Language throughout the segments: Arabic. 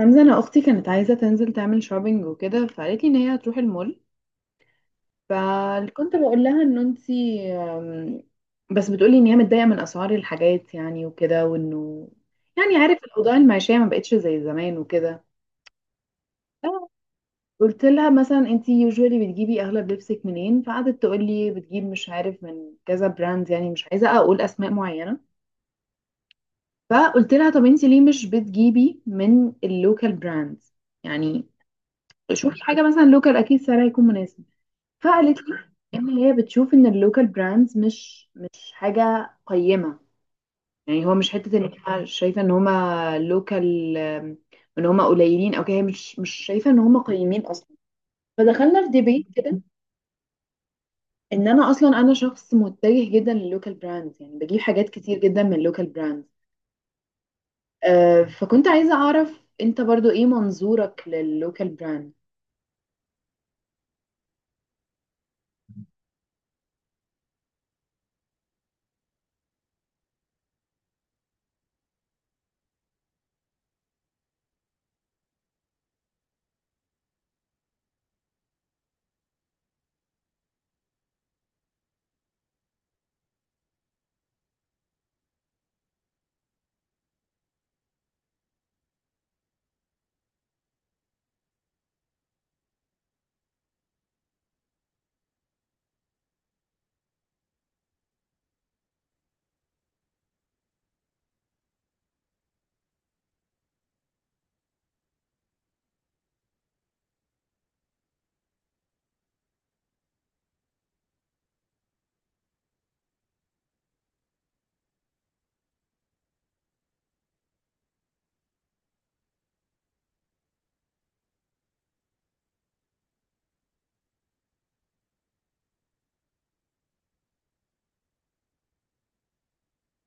حمزة، أنا أختي كانت عايزة تنزل تعمل شوبينج وكده، فقالت لي إن هي هتروح المول. فكنت بقول لها إن أنتي بس بتقولي إن هي متضايقة من أسعار الحاجات يعني وكده، وإنه يعني عارف الأوضاع المعيشية ما بقتش زي زمان وكده. قلت لها مثلا أنتي يوجوالي بتجيبي أغلب لبسك منين؟ فقعدت تقول لي بتجيب مش عارف من كذا براند، يعني مش عايزة أقول أسماء معينة. فقلت لها طب أنتي ليه مش بتجيبي من اللوكال براندز؟ يعني شوفي حاجة مثلا لوكال أكيد سعرها يكون مناسب. فقالت لي ان هي بتشوف ان اللوكال براندز مش حاجه قيمه، يعني هو مش حته ان هي شايفه ان هما لوكال، ان هما قليلين او كده، هي مش شايفه ان هما قيمين اصلا. فدخلنا في ديبيت كده، ان انا اصلا انا شخص متجه جدا للوكال براندز، يعني بجيب حاجات كتير جدا من اللوكال براندز. فكنت عايزه اعرف انت برضو ايه منظورك لللوكال براند؟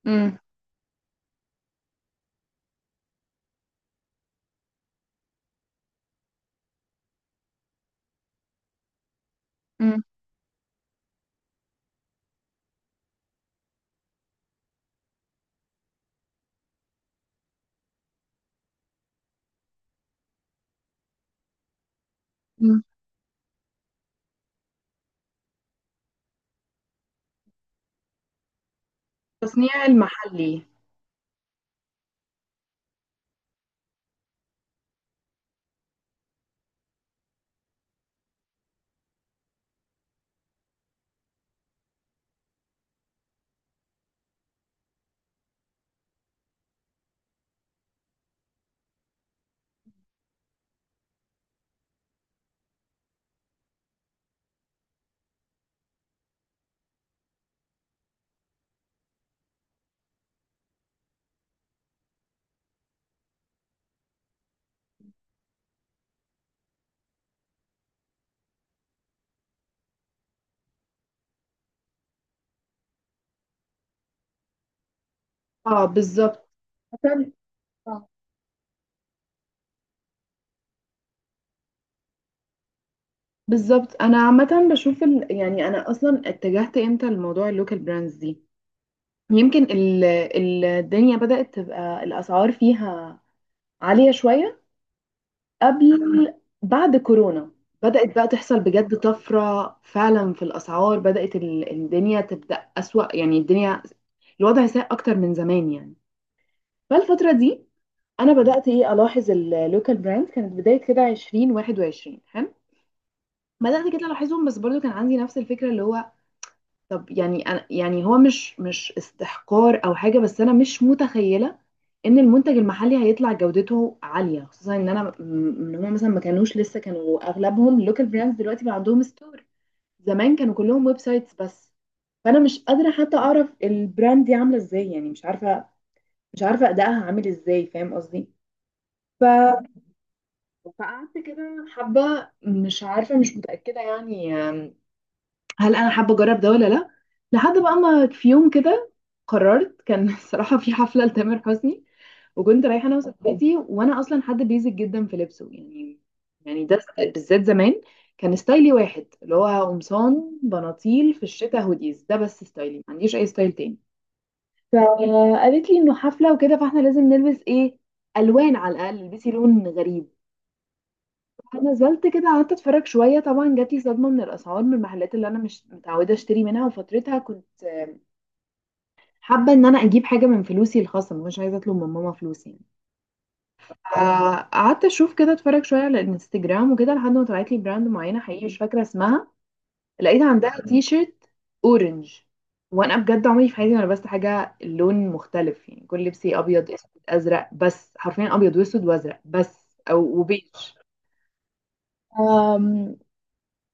امم. امم. التصنيع المحلي. اه بالظبط. مثلا. بالظبط، انا عامه بشوف يعني انا اصلا اتجهت امتى لموضوع اللوكال براندز دي؟ يمكن الدنيا بدات تبقى الاسعار فيها عاليه شويه، قبل بعد كورونا بدات بقى تحصل بجد طفره فعلا في الاسعار، بدات الدنيا تبدا اسوأ، يعني الدنيا، الوضع سيء اكتر من زمان يعني. فالفتره دي انا بدات ايه الاحظ اللوكال براندز، كانت بدايه كده 20 21، حلو، بدات كده الاحظهم، بس برضو كان عندي نفس الفكره، اللي هو طب يعني أنا، يعني هو مش استحقار او حاجه، بس انا مش متخيله ان المنتج المحلي هيطلع جودته عاليه، خصوصا ان انا ان هم مثلا ما كانوش لسه، كانوا اغلبهم لوكال براندز دلوقتي بقى عندهم ستور، زمان كانوا كلهم ويب سايتس بس. فانا مش قادره حتى اعرف البراند دي عامله ازاي، يعني مش عارفه ادائها عامل ازاي، فاهم قصدي؟ ف... فقعدت كده حبه مش عارفه مش متاكده، يعني هل انا حابه اجرب ده ولا لا، لحد بقى ما في يوم كده قررت، كان الصراحه في حفله لتامر حسني، وكنت رايحه انا وصاحبتي، وانا اصلا حد بيزك جدا في لبسه يعني. يعني ده بالذات زمان كان ستايلي واحد، اللي هو قمصان بناطيل، في الشتاء هوديز ده بس، ستايلي ما عنديش اي ستايل تاني. فقالت لي انه حفله وكده، فاحنا لازم نلبس ايه، الوان، على الاقل البسي لون غريب. فنزلت كده قعدت اتفرج شويه، طبعا جات لي صدمه من الاسعار من المحلات اللي انا مش متعوده اشتري منها، وفترتها كنت حابه ان انا اجيب حاجه من فلوسي الخاصه، مش عايزه اطلب من ماما فلوس يعني. قعدت اشوف كده اتفرج شويه على الانستجرام وكده، لحد ما طلعت لي براند معينه، حقيقي مش فاكره اسمها، لقيت عندها تي شيرت اورنج. وانا بجد عمري في حياتي ما لبست حاجه لون مختلف، يعني كل لبسي ابيض اسود ازرق بس، حرفيا ابيض واسود وازرق بس او وبيج.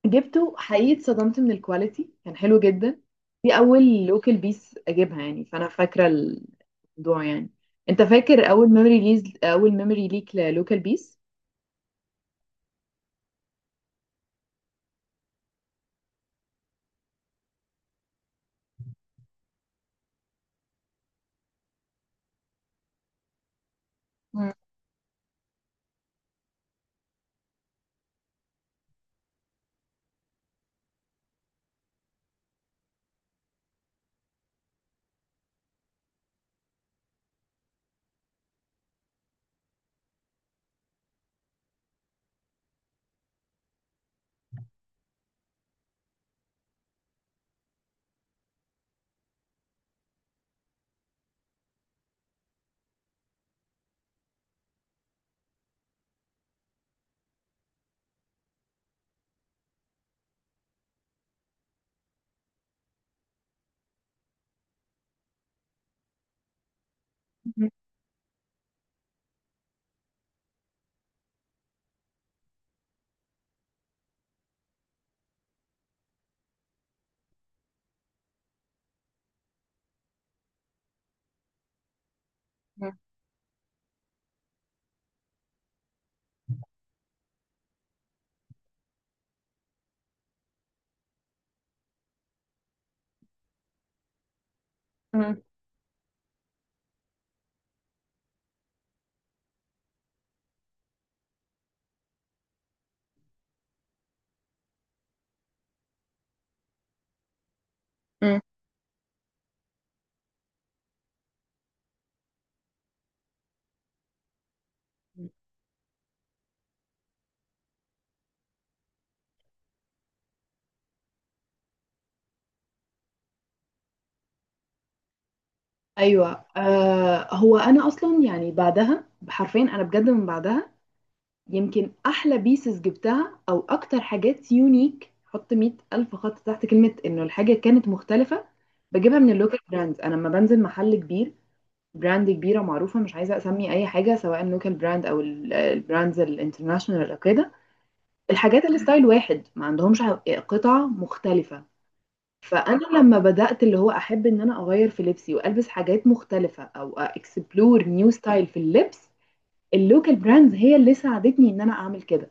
جبته، حقيقي اتصدمت من الكواليتي، كان حلو جدا. دي اول لوكال بيس اجيبها، يعني فانا فاكره الموضوع يعني. انت فاكر اول ميموري ليز اول ميموري ليك للوكال بيس؟ مم. مم. مم. مم. ايوه. آه، هو انا اصلا يعني بعدها حرفيا، انا بجد من بعدها يمكن احلى بيسز جبتها او اكتر حاجات يونيك، حط مئة الف خط تحت كلمه انه الحاجه كانت مختلفه، بجيبها من اللوكال براندز. انا لما بنزل محل كبير، براند كبيرة معروفة، مش عايزة أسمي أي حاجة سواء لوكال براند أو البراندز الانترناشونال أو كده، الحاجات الستايل واحد، ما عندهمش قطع مختلفة. فأنا لما بدأت اللي هو أحب إن أنا أغير في لبسي وألبس حاجات مختلفة أو أكسبلور نيو ستايل في اللبس، اللوكال براندز هي اللي ساعدتني إن أنا أعمل كده.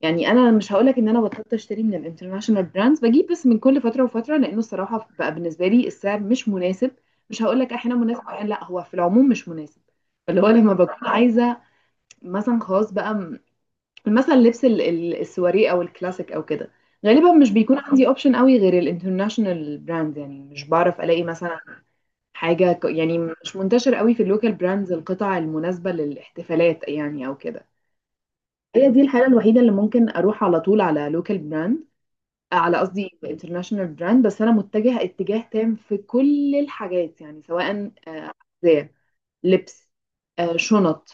يعني انا مش هقولك ان انا بطلت اشتري من الانترناشونال براندز، بجيب بس من كل فتره وفتره، لانه الصراحه بقى بالنسبه لي السعر مش مناسب، مش هقولك احيانا مناسب احيانا لا، هو في العموم مش مناسب. اللي هو لما بكون عايزه مثلا خلاص بقى مثلا لبس السواري او الكلاسيك او كده، غالبا مش بيكون عندي اوبشن قوي غير الانترناشونال براندز، يعني مش بعرف الاقي مثلا حاجه يعني مش منتشر قوي في اللوكال براندز القطع المناسبه للاحتفالات يعني او كده. هي دي الحالة الوحيدة اللي ممكن أروح على طول على لوكال براند على قصدي انترناشونال براند، بس أنا متجهة اتجاه تام في كل الحاجات، يعني سواء زي لبس، شنط،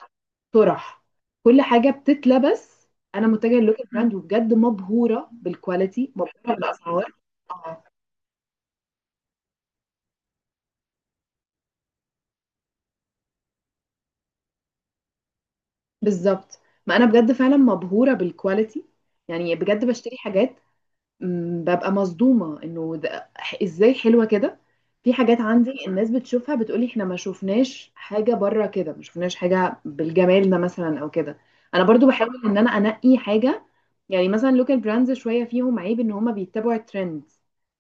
طرح، كل حاجة بتتلبس، أنا متجهة للوكال براند وبجد مبهورة بالكواليتي، مبهورة بالأسعار. آه، بالظبط. ما أنا بجد فعلا مبهورة بالكواليتي، يعني بجد بشتري حاجات، ببقى صدومة انه ازاي حلوة كده. في حاجات عندي الناس بتشوفها بتقولي احنا ما شفناش حاجة بره كده، ما شفناش حاجة بالجمال ده مثلا او كده. انا برضو بحاول ان انا انقي حاجة، يعني مثلا لوكال براندز شوية فيهم عيب ان هما بيتبعوا الترند،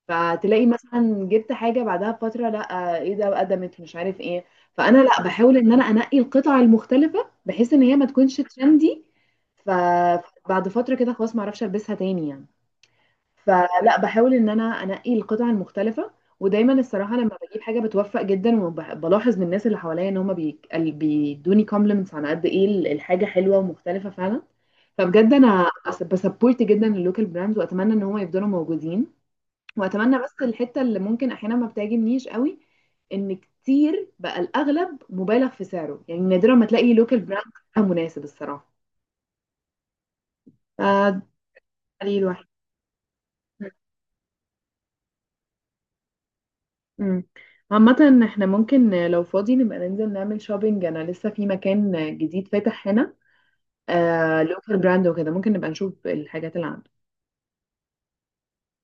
فتلاقي مثلا جبت حاجة بعدها بفترة، لا ايه ده قدمت مش عارف ايه. فانا لا بحاول ان انا انقي القطع المختلفة بحيث ان هي ما تكونش ترندي، فبعد فترة كده خلاص ما اعرفش البسها تاني يعني. فلأ باحاول إن أنا أنقّي القطع المختلفة، ودايمًا الصراحة لمّا باجيب حاجة باتوفّق جدًا، وب بالاحظ من الناس اللي حواليّا إن هُم بيك ال بيدّوني compliments عن قد إيه الحاجة حلوة ومختلفة فعلًا. فبجد أنا بasupport جدًا الlocal brands، وأتمنى إن هُم يفضلوا موجودين، وأتمنى بس الحتّة اللي ممكن أحيانًا ما بتعجبنيش أوي، إن كتير بقى الأغلب مُبالغ في سعره، يعني نادرًا ما تلاقي local brand مناسب الصراحة، ف ده الواحد. امم. عامة احنا ممكن لو فاضي نبقى ننزل نعمل شوبينج، انا لسه في مكان جديد فاتح هنا آه لوكال براند وكده، ممكن نبقى نشوف الحاجات اللي عنده.